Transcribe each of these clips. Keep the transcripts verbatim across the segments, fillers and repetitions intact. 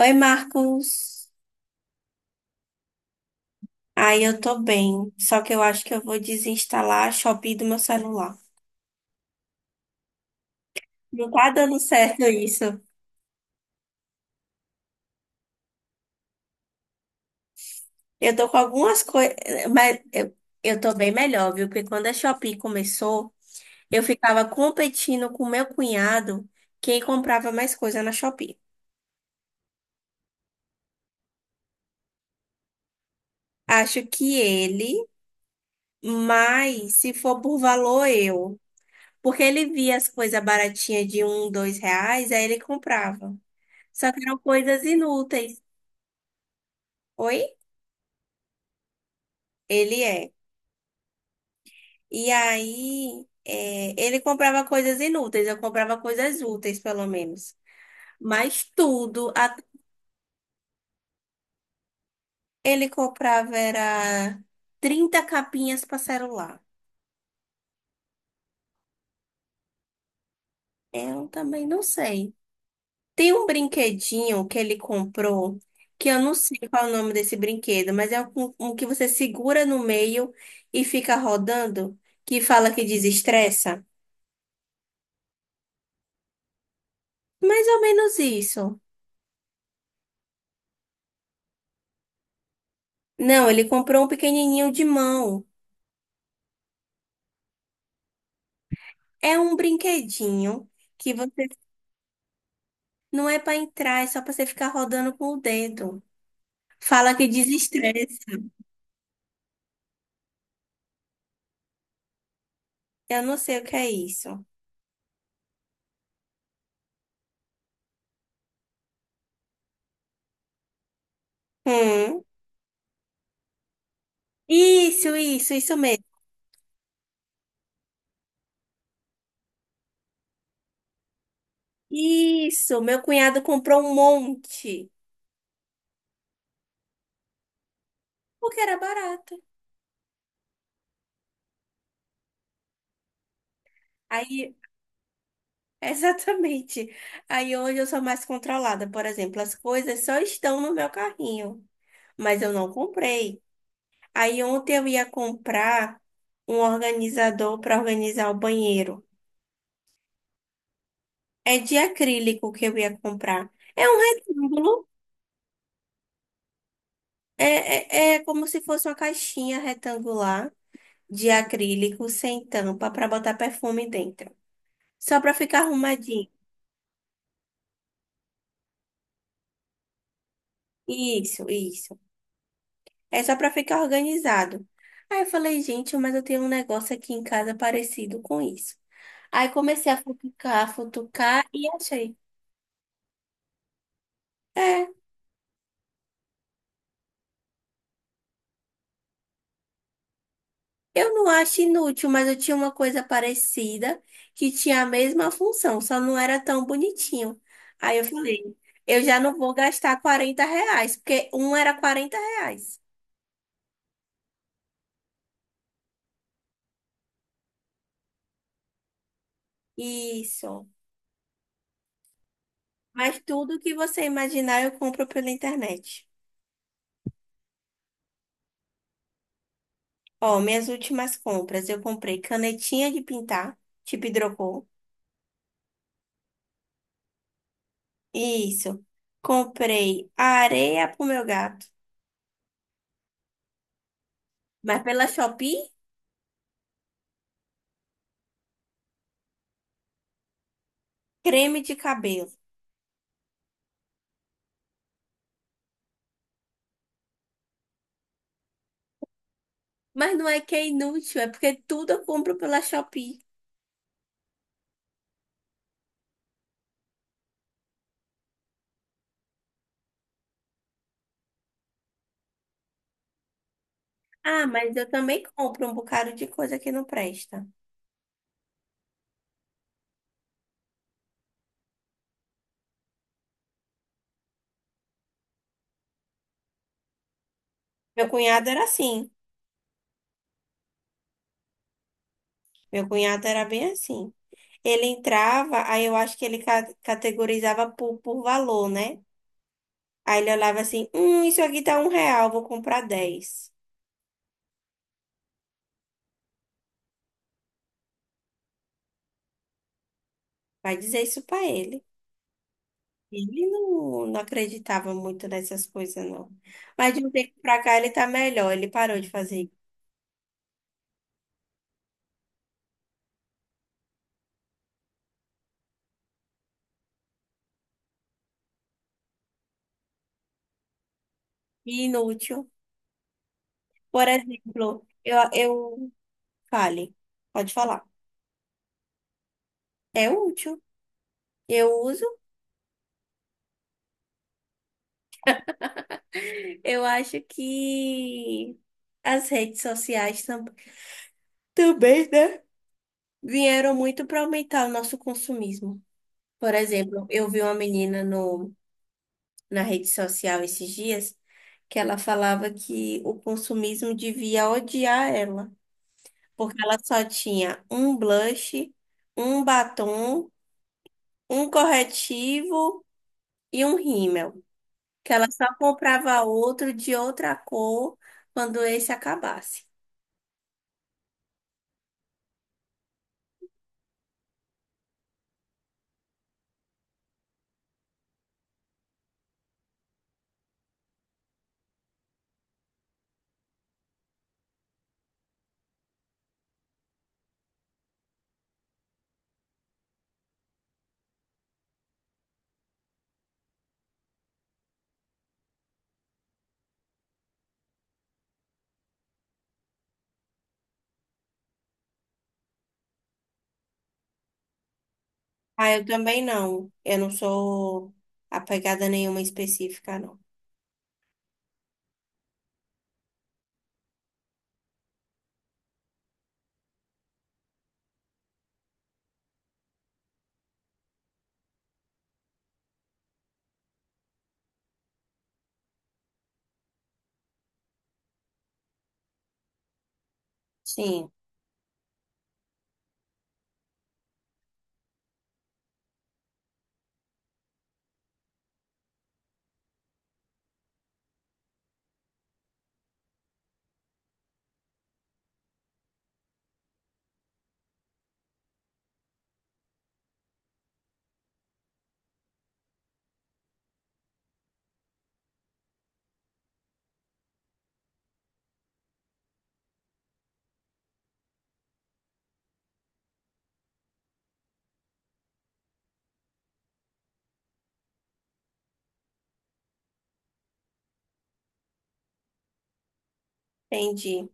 Oi, Marcos. Ai, eu tô bem. Só que eu acho que eu vou desinstalar a Shopee do meu celular. Não tá dando certo isso. Eu tô com algumas coisas, mas eu, eu tô bem melhor, viu? Porque quando a Shopee começou, eu ficava competindo com meu cunhado quem comprava mais coisa na Shopee. Acho que ele, mas se for por valor, eu. Porque ele via as coisas baratinhas de um, dois reais, aí ele comprava. Só que eram coisas inúteis. Oi? Ele é. E aí, é, ele comprava coisas inúteis, eu comprava coisas úteis, pelo menos. Mas tudo, a- ele comprava era trinta capinhas para celular. Eu também não sei. Tem um brinquedinho que ele comprou, que eu não sei qual é o nome desse brinquedo, mas é um, um que você segura no meio e fica rodando, que fala que desestressa. Mais ou menos isso. Não, ele comprou um pequenininho de mão. É um brinquedinho que você não é para entrar, é só para você ficar rodando com o dedo. Fala que desestressa. Eu não sei o que é isso. Hum. Isso, isso, isso mesmo. Isso, meu cunhado comprou um monte, porque era barato. Aí, exatamente. Aí hoje eu sou mais controlada, por exemplo, as coisas só estão no meu carrinho, mas eu não comprei. Aí ontem eu ia comprar um organizador para organizar o banheiro. É de acrílico que eu ia comprar. É um retângulo, é, é, é como se fosse uma caixinha retangular de acrílico sem tampa para botar perfume dentro. Só para ficar arrumadinho. Isso, isso. É só para ficar organizado. Aí eu falei, gente, mas eu tenho um negócio aqui em casa parecido com isso. Aí comecei a futucar, futucar e achei. É. Eu não acho inútil, mas eu tinha uma coisa parecida que tinha a mesma função, só não era tão bonitinho. Aí eu falei, eu já não vou gastar quarenta reais, porque um era quarenta reais. Isso. Mas tudo que você imaginar eu compro pela internet. Ó, minhas últimas compras, eu comprei canetinha de pintar, tipo hidrocor. Isso. Comprei areia pro meu gato, mas pela Shopee, creme de cabelo. Mas não é que é inútil, é porque tudo eu compro pela Shopee. Ah, mas eu também compro um bocado de coisa que não presta. Meu cunhado era assim. Meu cunhado era bem assim. Ele entrava, aí eu acho que ele ca- categorizava por, por valor, né? Aí ele olhava assim: hum, isso aqui tá um real, vou comprar dez. Vai dizer isso pra ele. Ele não, não acreditava muito nessas coisas, não. Mas de um tempo pra cá ele tá melhor, ele parou de fazer. Inútil. Por exemplo, eu, eu Fale, pode falar. É útil. Eu uso. Eu acho que as redes sociais tam- também, né? Vieram muito para aumentar o nosso consumismo. Por exemplo, eu vi uma menina no, na rede social esses dias que ela falava que o consumismo devia odiar ela, porque ela só tinha um blush, um batom, um corretivo e um rímel. Que ela só comprava outro de outra cor quando esse acabasse. Ah, eu também não. Eu não sou apegada a nenhuma específica, não. Sim, entendi.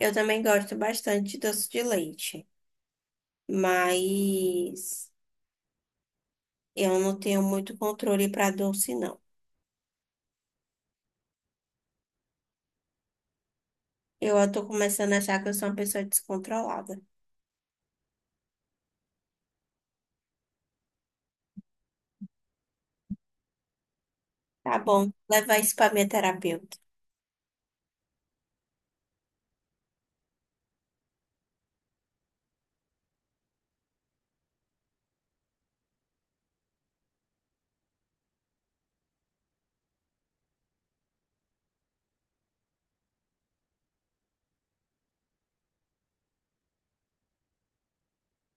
Eu também gosto bastante de doce de leite, mas eu não tenho muito controle para doce, não. Eu tô começando a achar que eu sou uma pessoa descontrolada. Tá bom, levar isso para minha terapeuta.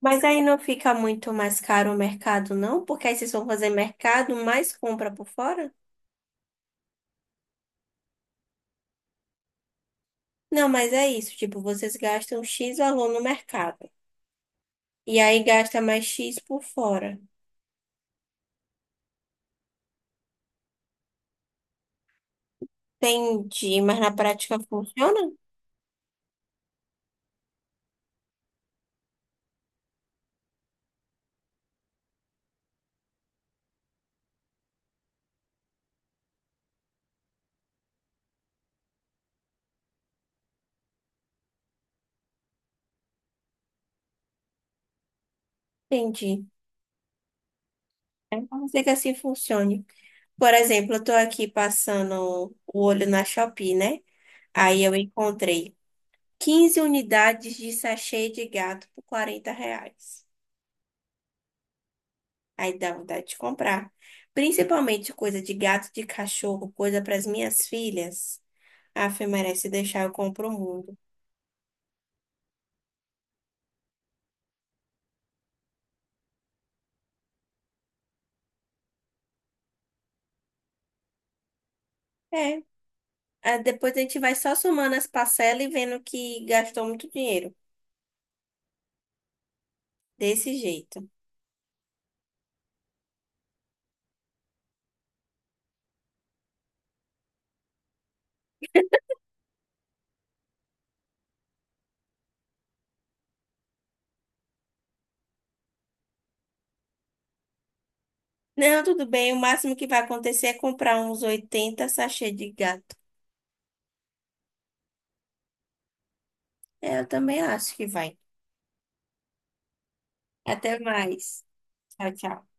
Mas aí não fica muito mais caro o mercado, não? Porque aí vocês vão fazer mercado mais compra por fora? Não, mas é isso, tipo, vocês gastam X valor no mercado e aí gasta mais X por fora. Entendi, mas na prática funciona? Entendi. É. Vamos dizer que assim funcione. Por exemplo, eu tô aqui passando o olho na Shopee, né? Aí eu encontrei quinze unidades de sachê de gato por quarenta reais. Aí dá vontade de comprar. Principalmente coisa de gato, de cachorro, coisa para as minhas filhas. Ah, Fê, merece deixar, eu compro o mundo. É. Ah, depois a gente vai só somando as parcelas e vendo que gastou muito dinheiro. Desse jeito. Não, tudo bem. O máximo que vai acontecer é comprar uns oitenta sachê de gato. É, eu também acho que vai. Até mais. Tchau, tchau.